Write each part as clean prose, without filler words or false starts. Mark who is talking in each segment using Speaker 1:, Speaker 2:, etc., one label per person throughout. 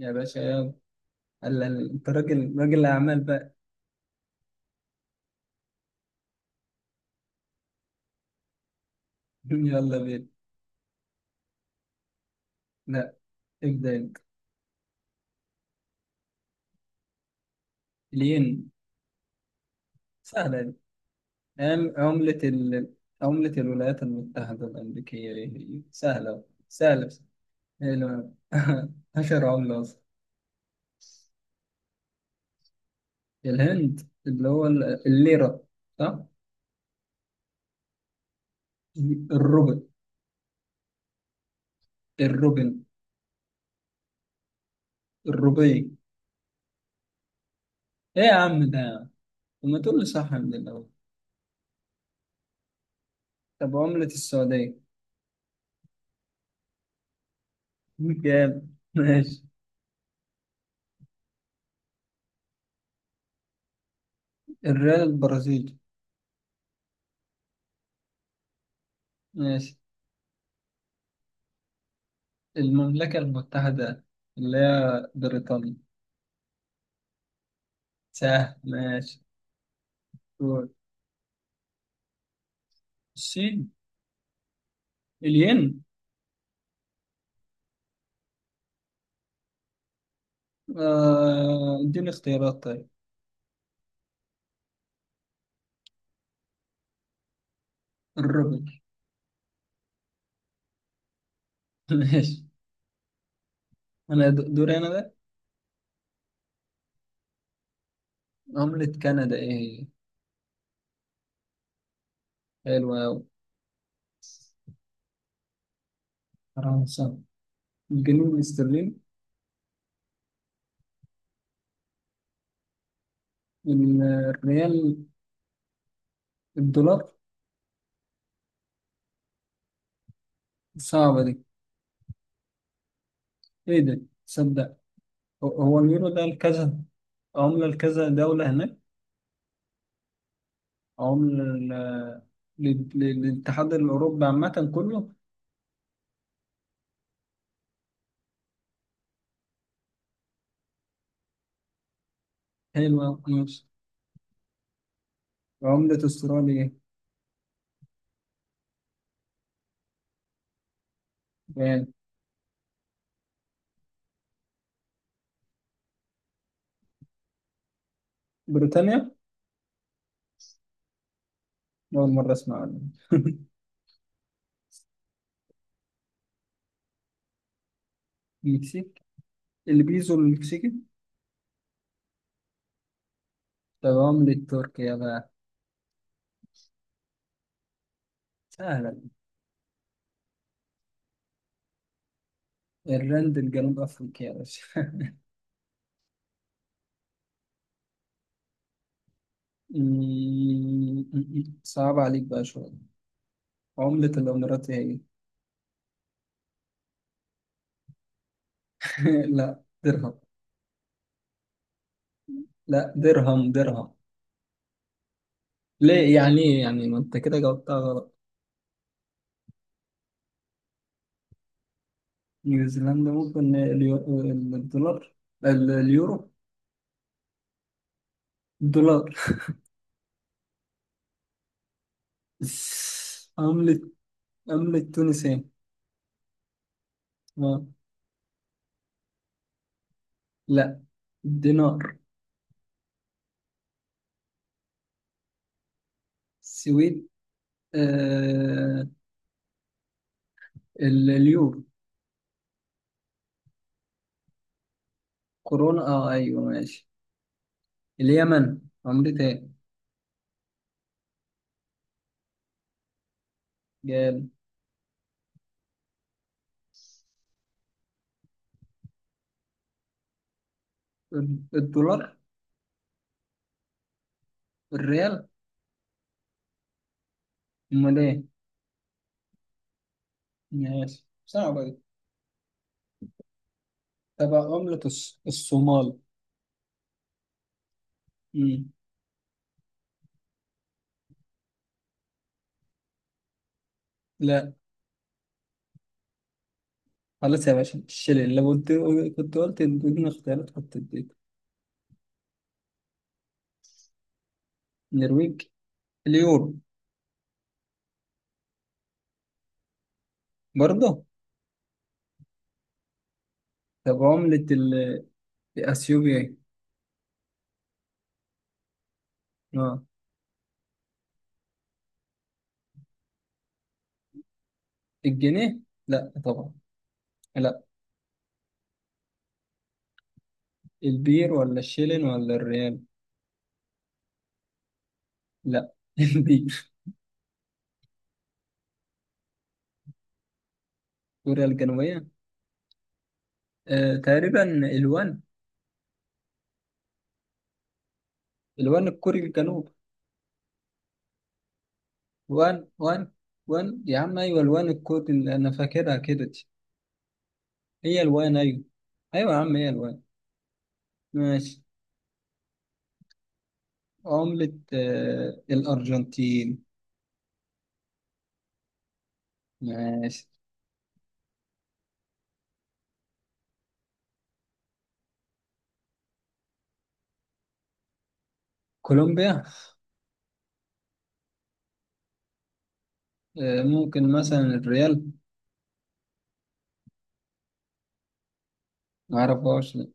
Speaker 1: يا باشا يلا. هلا، انت راجل اعمال بقى. يلا بينا. لا، ابدا انت. الين. سهله دي. عملة ال... عملة الولايات المتحدة الأمريكية ايه هي؟ سهلة. سهلة بس. حلو. أشهر عملة أصلا. الهند اللي هو الليرة، صح؟ الروبل. الروبل. الروبي. إيه يا عم ده يا عم؟ طب ما تقول لي صح من الأول. طب عملة السعودية. جامد، ماشي. الريال البرازيلي. ماشي. المملكة المتحدة، اللي هي بريطانيا. سهل، ماشي. دول. الصين. الين. اديني اختيارات طيب. الروبل. ماشي. انا دوري انا ده. عملة كندا ايه هي؟ حلوة أوي. فرنسا. الجنيه الاسترليني. الريال. الدولار. صعبة دي. ايه ده صدق. هو هو اليورو ده لكذا، عملة لكذا دولة هناك. عملة لل- للاتحاد الأوروبي عامة كله. حلوة أوي. عملة استراليا إيه؟ يعني بريطانيا أول مرة أسمع عنها. المكسيك، البيزو المكسيكي. طب عملة تركيا بقى. سهلة. الرند الجنوب أفريقيا يا باشا. صعب عليك بقى شوية. عملة الإمارات هي إيه؟ هي؟ لا درهم. لا درهم درهم. ليه يعني، إيه يعني، ما أنت كده جاوبتها غلط. نيوزيلندا ممكن الدولار، اليورو. الدولار. عملة، عملة تونس إيه؟ لا، دينار. سويد، آه، اليورو. كورونا، اه ايوه ماشي. اليمن عملة ايه؟ جال. الدولار. الريال. امال ايه؟ ماشي، صعبة دي. طب عملة الصومال. مم. لا. خلاص يا باشا الشلل، لو قلت كنت قلت اديني اختيارات كنت اديك. النرويج، اليورو. برضه. طب عملة اثيوبيا ايه؟ اه، الجنيه. لا طبعا. لا. البير ولا الشيلين ولا الريال. لا. دي كوريا الجنوبية، آه تقريبا، الوان. الوان الكوري الجنوب. وان وان. وان يا عم، ايوه الوان الكوري اللي انا فاكرها كده دي. هي الوان ايوه. ايوه يا عم هي الوان. ماشي. عملة آه الأرجنتين. ماشي. كولومبيا، آه ممكن مثلا الريال. معرفهاش. لا.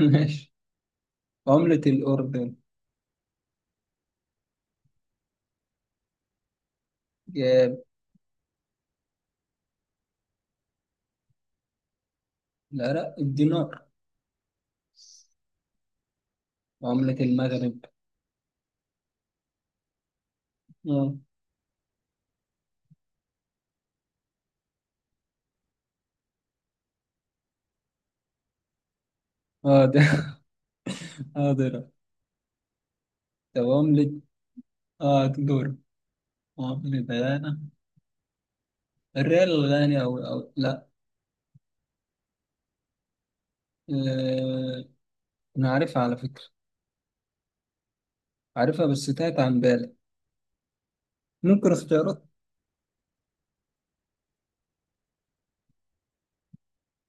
Speaker 1: ماشي. عملة الأردن. جاب. لا لا، الدينار. عملة المغرب. اه. اه ده. اه ده. طب عملة، اه دور. عملة الريال الغاني، أو أو لا. آه، أنا عارفها على فكرة، عارفها بس تاهت عن بالي. ممكن اختيارات؟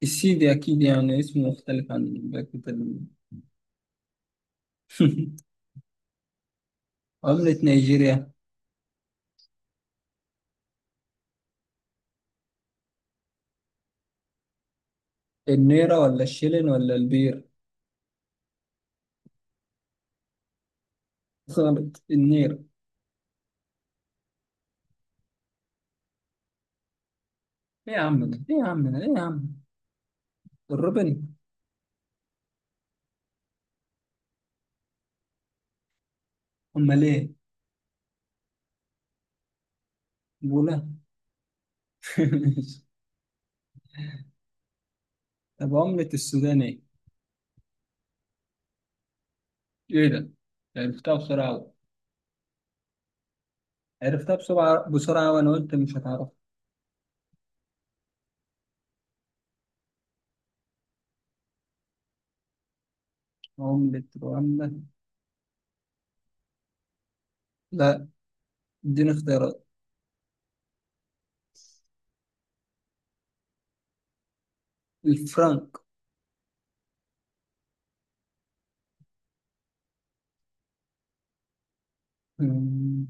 Speaker 1: السيدي أكيد، يعني اسمه مختلف عن بقية عملة نيجيريا. النيرة ولا الشيلين ولا البير. غلط، النيرة. إيه يا عم ده، إيه يا عم ده، إيه يا عم. الروبن. أمال إيه؟ بولا. طب عملة السودان إيه؟ إيه ده، عرفتها بسرعة أوي. عرفتها بسرعة وأنا قلت مش هتعرف. عملة رواندا. لا، اديني اختيارات. الفرنك. مم.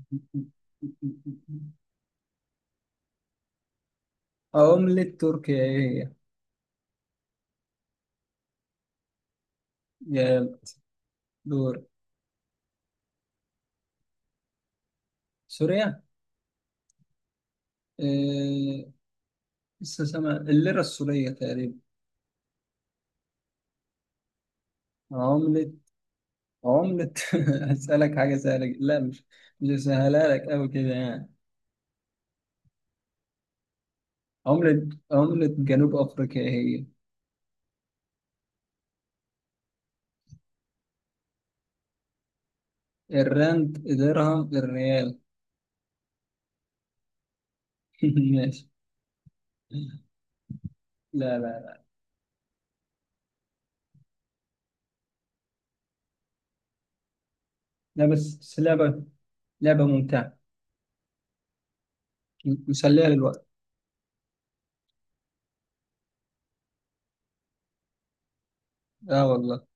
Speaker 1: عملة تركيا ايه هي؟ يلا دور. سوريا، إيه، لسه سامع الليرة السورية تقريبا. عملة عملة هسألك حاجة سهلة جدا. لا، مش مش سهلها لك أوي كده يعني. عملة جنوب أفريقيا إيه؟ هي الراند، درهم، الريال. ماشي. لا لا. لا بس، بس لعبة، لعبة ممتعة، مسلية للوقت. اه والله.